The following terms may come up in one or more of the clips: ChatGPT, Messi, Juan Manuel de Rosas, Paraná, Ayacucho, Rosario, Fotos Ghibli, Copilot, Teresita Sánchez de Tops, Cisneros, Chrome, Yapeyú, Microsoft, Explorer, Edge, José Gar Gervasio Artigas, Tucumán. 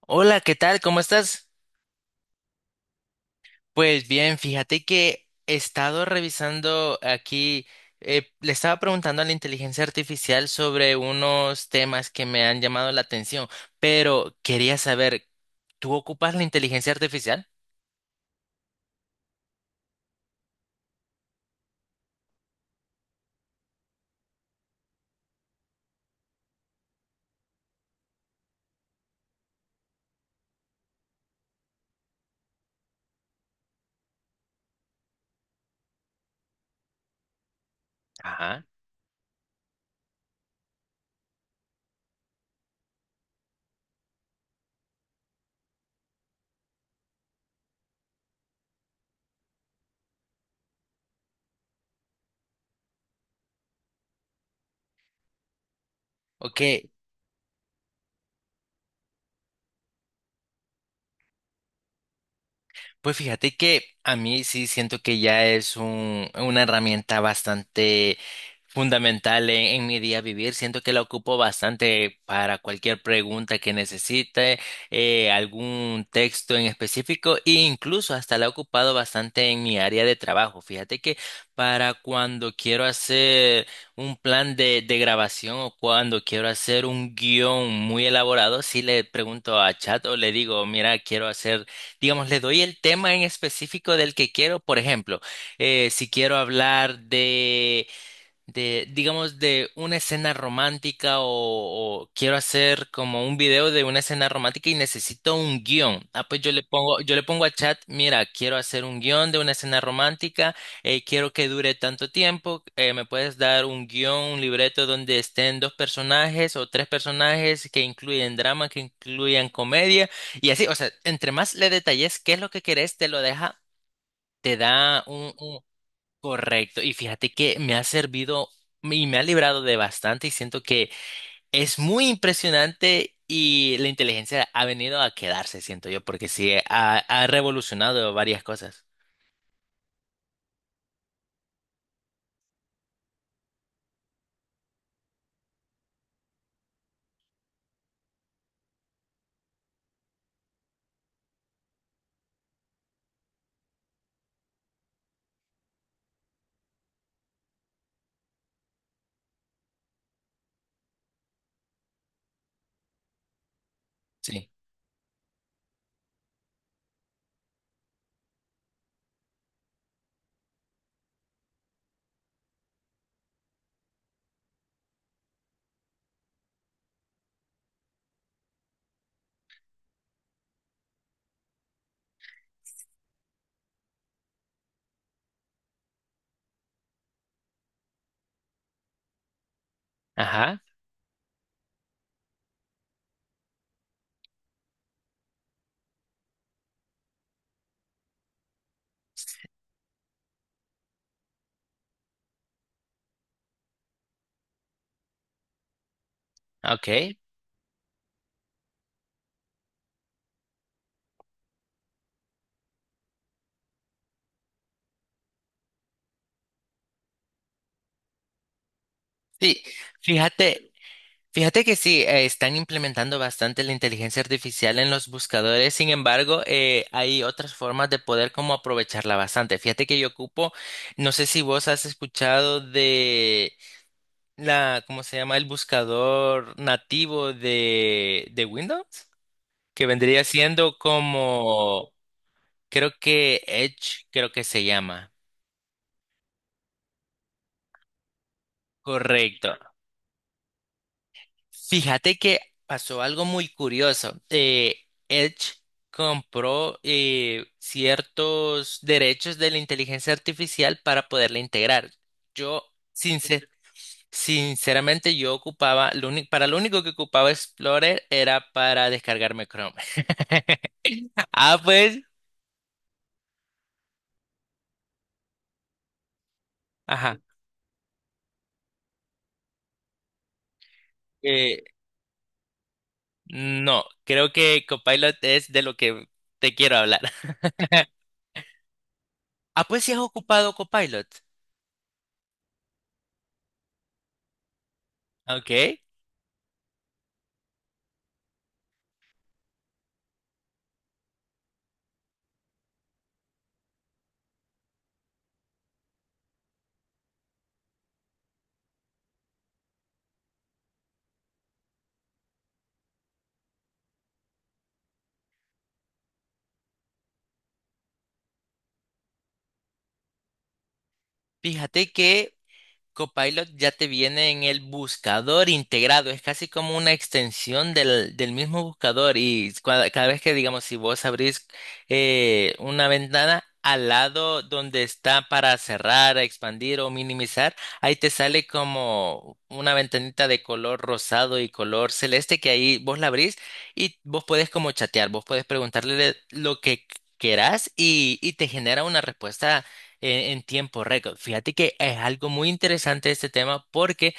Hola, ¿qué tal? ¿Cómo estás? Pues bien, fíjate que he estado revisando aquí, le estaba preguntando a la inteligencia artificial sobre unos temas que me han llamado la atención, pero quería saber, ¿tú ocupas la inteligencia artificial? Ajá. Ok. Pues fíjate que a mí sí siento que ya es una herramienta bastante fundamental en mi día a vivir. Siento que la ocupo bastante para cualquier pregunta que necesite, algún texto en específico e incluso hasta la he ocupado bastante en mi área de trabajo. Fíjate que para cuando quiero hacer un plan de grabación o cuando quiero hacer un guión muy elaborado, sí le pregunto a chat o le digo, mira, quiero hacer, digamos, le doy el tema en específico del que quiero. Por ejemplo, si quiero hablar de digamos, de una escena romántica o quiero hacer como un video de una escena romántica y necesito un guión. Ah, pues yo le pongo a chat, mira, quiero hacer un guión de una escena romántica, quiero que dure tanto tiempo, me puedes dar un guión, un libreto donde estén dos personajes o tres personajes que incluyen drama, que incluyan comedia y así, o sea, entre más le detalles qué es lo que querés, te lo deja. Te da un. Correcto, y fíjate que me ha servido y me ha librado de bastante y siento que es muy impresionante y la inteligencia ha venido a quedarse, siento yo, porque sí, ha revolucionado varias cosas. Sí. Ajá, ok. Sí, fíjate, fíjate que sí, están implementando bastante la inteligencia artificial en los buscadores, sin embargo, hay otras formas de poder como aprovecharla bastante. Fíjate que yo ocupo, no sé si vos has escuchado de la, ¿cómo se llama? El buscador nativo de Windows, que vendría siendo como, creo que Edge, creo que se llama. Correcto. Fíjate que pasó algo muy curioso. Edge compró, ciertos derechos de la inteligencia artificial para poderla integrar. Yo, sincer- sinceramente, yo ocupaba, para lo único que ocupaba Explorer era para descargarme Chrome. Ah, pues, ajá, eh, no, creo que Copilot es de lo que te quiero hablar. Ah, pues sí has ocupado Copilot. Ok, fíjate que Copilot ya te viene en el buscador integrado, es casi como una extensión del mismo buscador y cada vez que, digamos, si vos abrís, una ventana al lado donde está para cerrar, expandir o minimizar, ahí te sale como una ventanita de color rosado y color celeste que ahí vos la abrís y vos podés como chatear, vos podés preguntarle lo que querás y te genera una respuesta en tiempo récord. Fíjate que es algo muy interesante este tema porque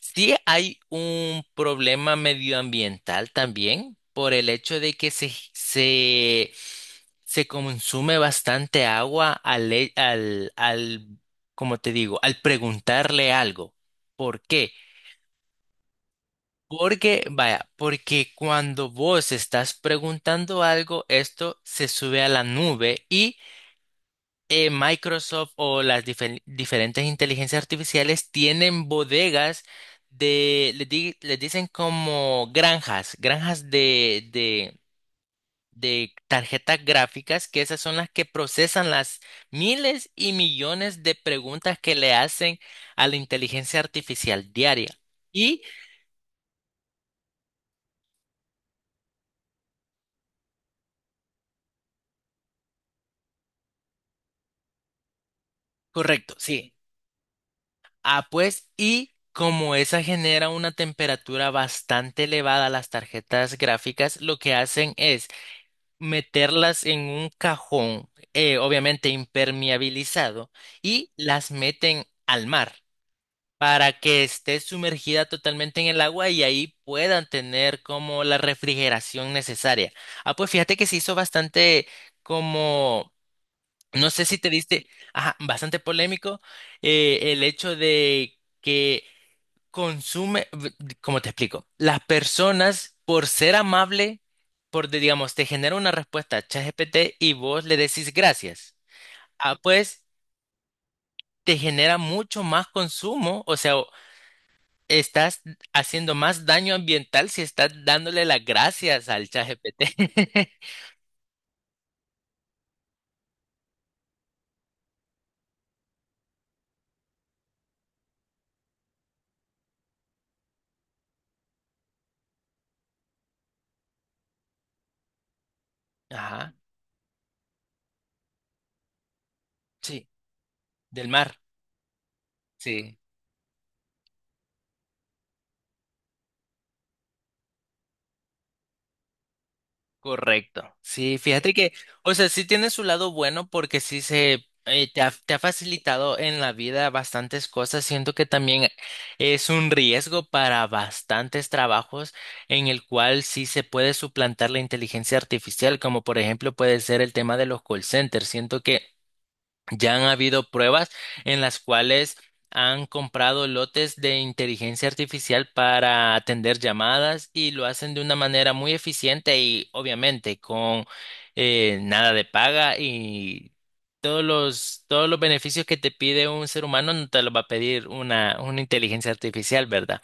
sí hay un problema medioambiental también por el hecho de que se consume bastante agua al, e- al, al, como te digo, al preguntarle algo. ¿Por qué? Porque, vaya, porque cuando vos estás preguntando algo, esto se sube a la nube y, Microsoft o las diferentes inteligencias artificiales tienen bodegas les dicen como granjas de tarjetas gráficas, que esas son las que procesan las miles y millones de preguntas que le hacen a la inteligencia artificial diaria. Y, correcto, sí. Ah, pues, y como esa genera una temperatura bastante elevada, a las tarjetas gráficas lo que hacen es meterlas en un cajón, obviamente impermeabilizado, y las meten al mar para que esté sumergida totalmente en el agua y ahí puedan tener como la refrigeración necesaria. Ah, pues fíjate que se hizo bastante como, no sé si te diste, ajá, bastante polémico, el hecho de que consume, ¿cómo te explico? Las personas, por ser amable, digamos, te genera una respuesta a ChatGPT y vos le decís gracias. Ah, pues te genera mucho más consumo, o sea, estás haciendo más daño ambiental si estás dándole las gracias al ChatGPT. Ajá, sí, del mar, sí. Correcto. Sí, fíjate que, o sea, sí tiene su lado bueno porque sí se, te ha facilitado en la vida bastantes cosas. Siento que también es un riesgo para bastantes trabajos en el cual sí se puede suplantar la inteligencia artificial, como por ejemplo puede ser el tema de los call centers. Siento que ya han habido pruebas en las cuales han comprado lotes de inteligencia artificial para atender llamadas y lo hacen de una manera muy eficiente y obviamente con, nada de paga y todos los beneficios que te pide un ser humano no te los va a pedir una inteligencia artificial, ¿verdad?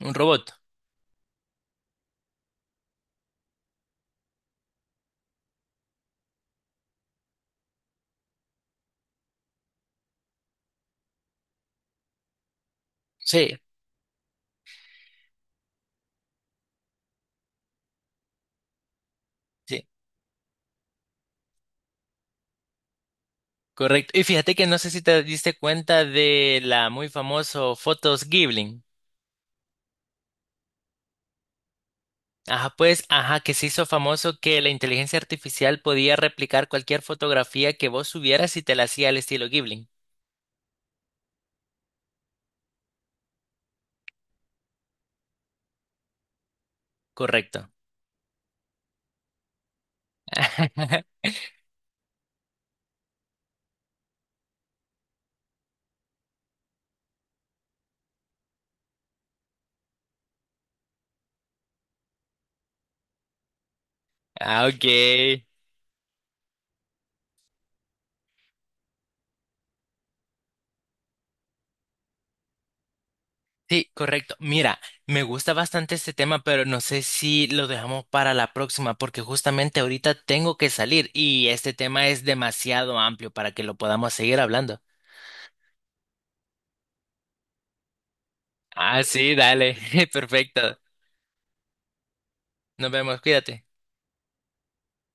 Un robot. Sí, sí, correcto. Y fíjate que no sé si te diste cuenta de la muy famosa Fotos Ghibli. Ajá, pues, ajá, que se hizo famoso que la inteligencia artificial podía replicar cualquier fotografía que vos subieras y te la hacía al estilo Ghibli. Correcto. Ah, ok. Sí, correcto. Mira, me gusta bastante este tema, pero no sé si lo dejamos para la próxima, porque justamente ahorita tengo que salir y este tema es demasiado amplio para que lo podamos seguir hablando. Ah, sí, dale. Perfecto. Nos vemos, cuídate.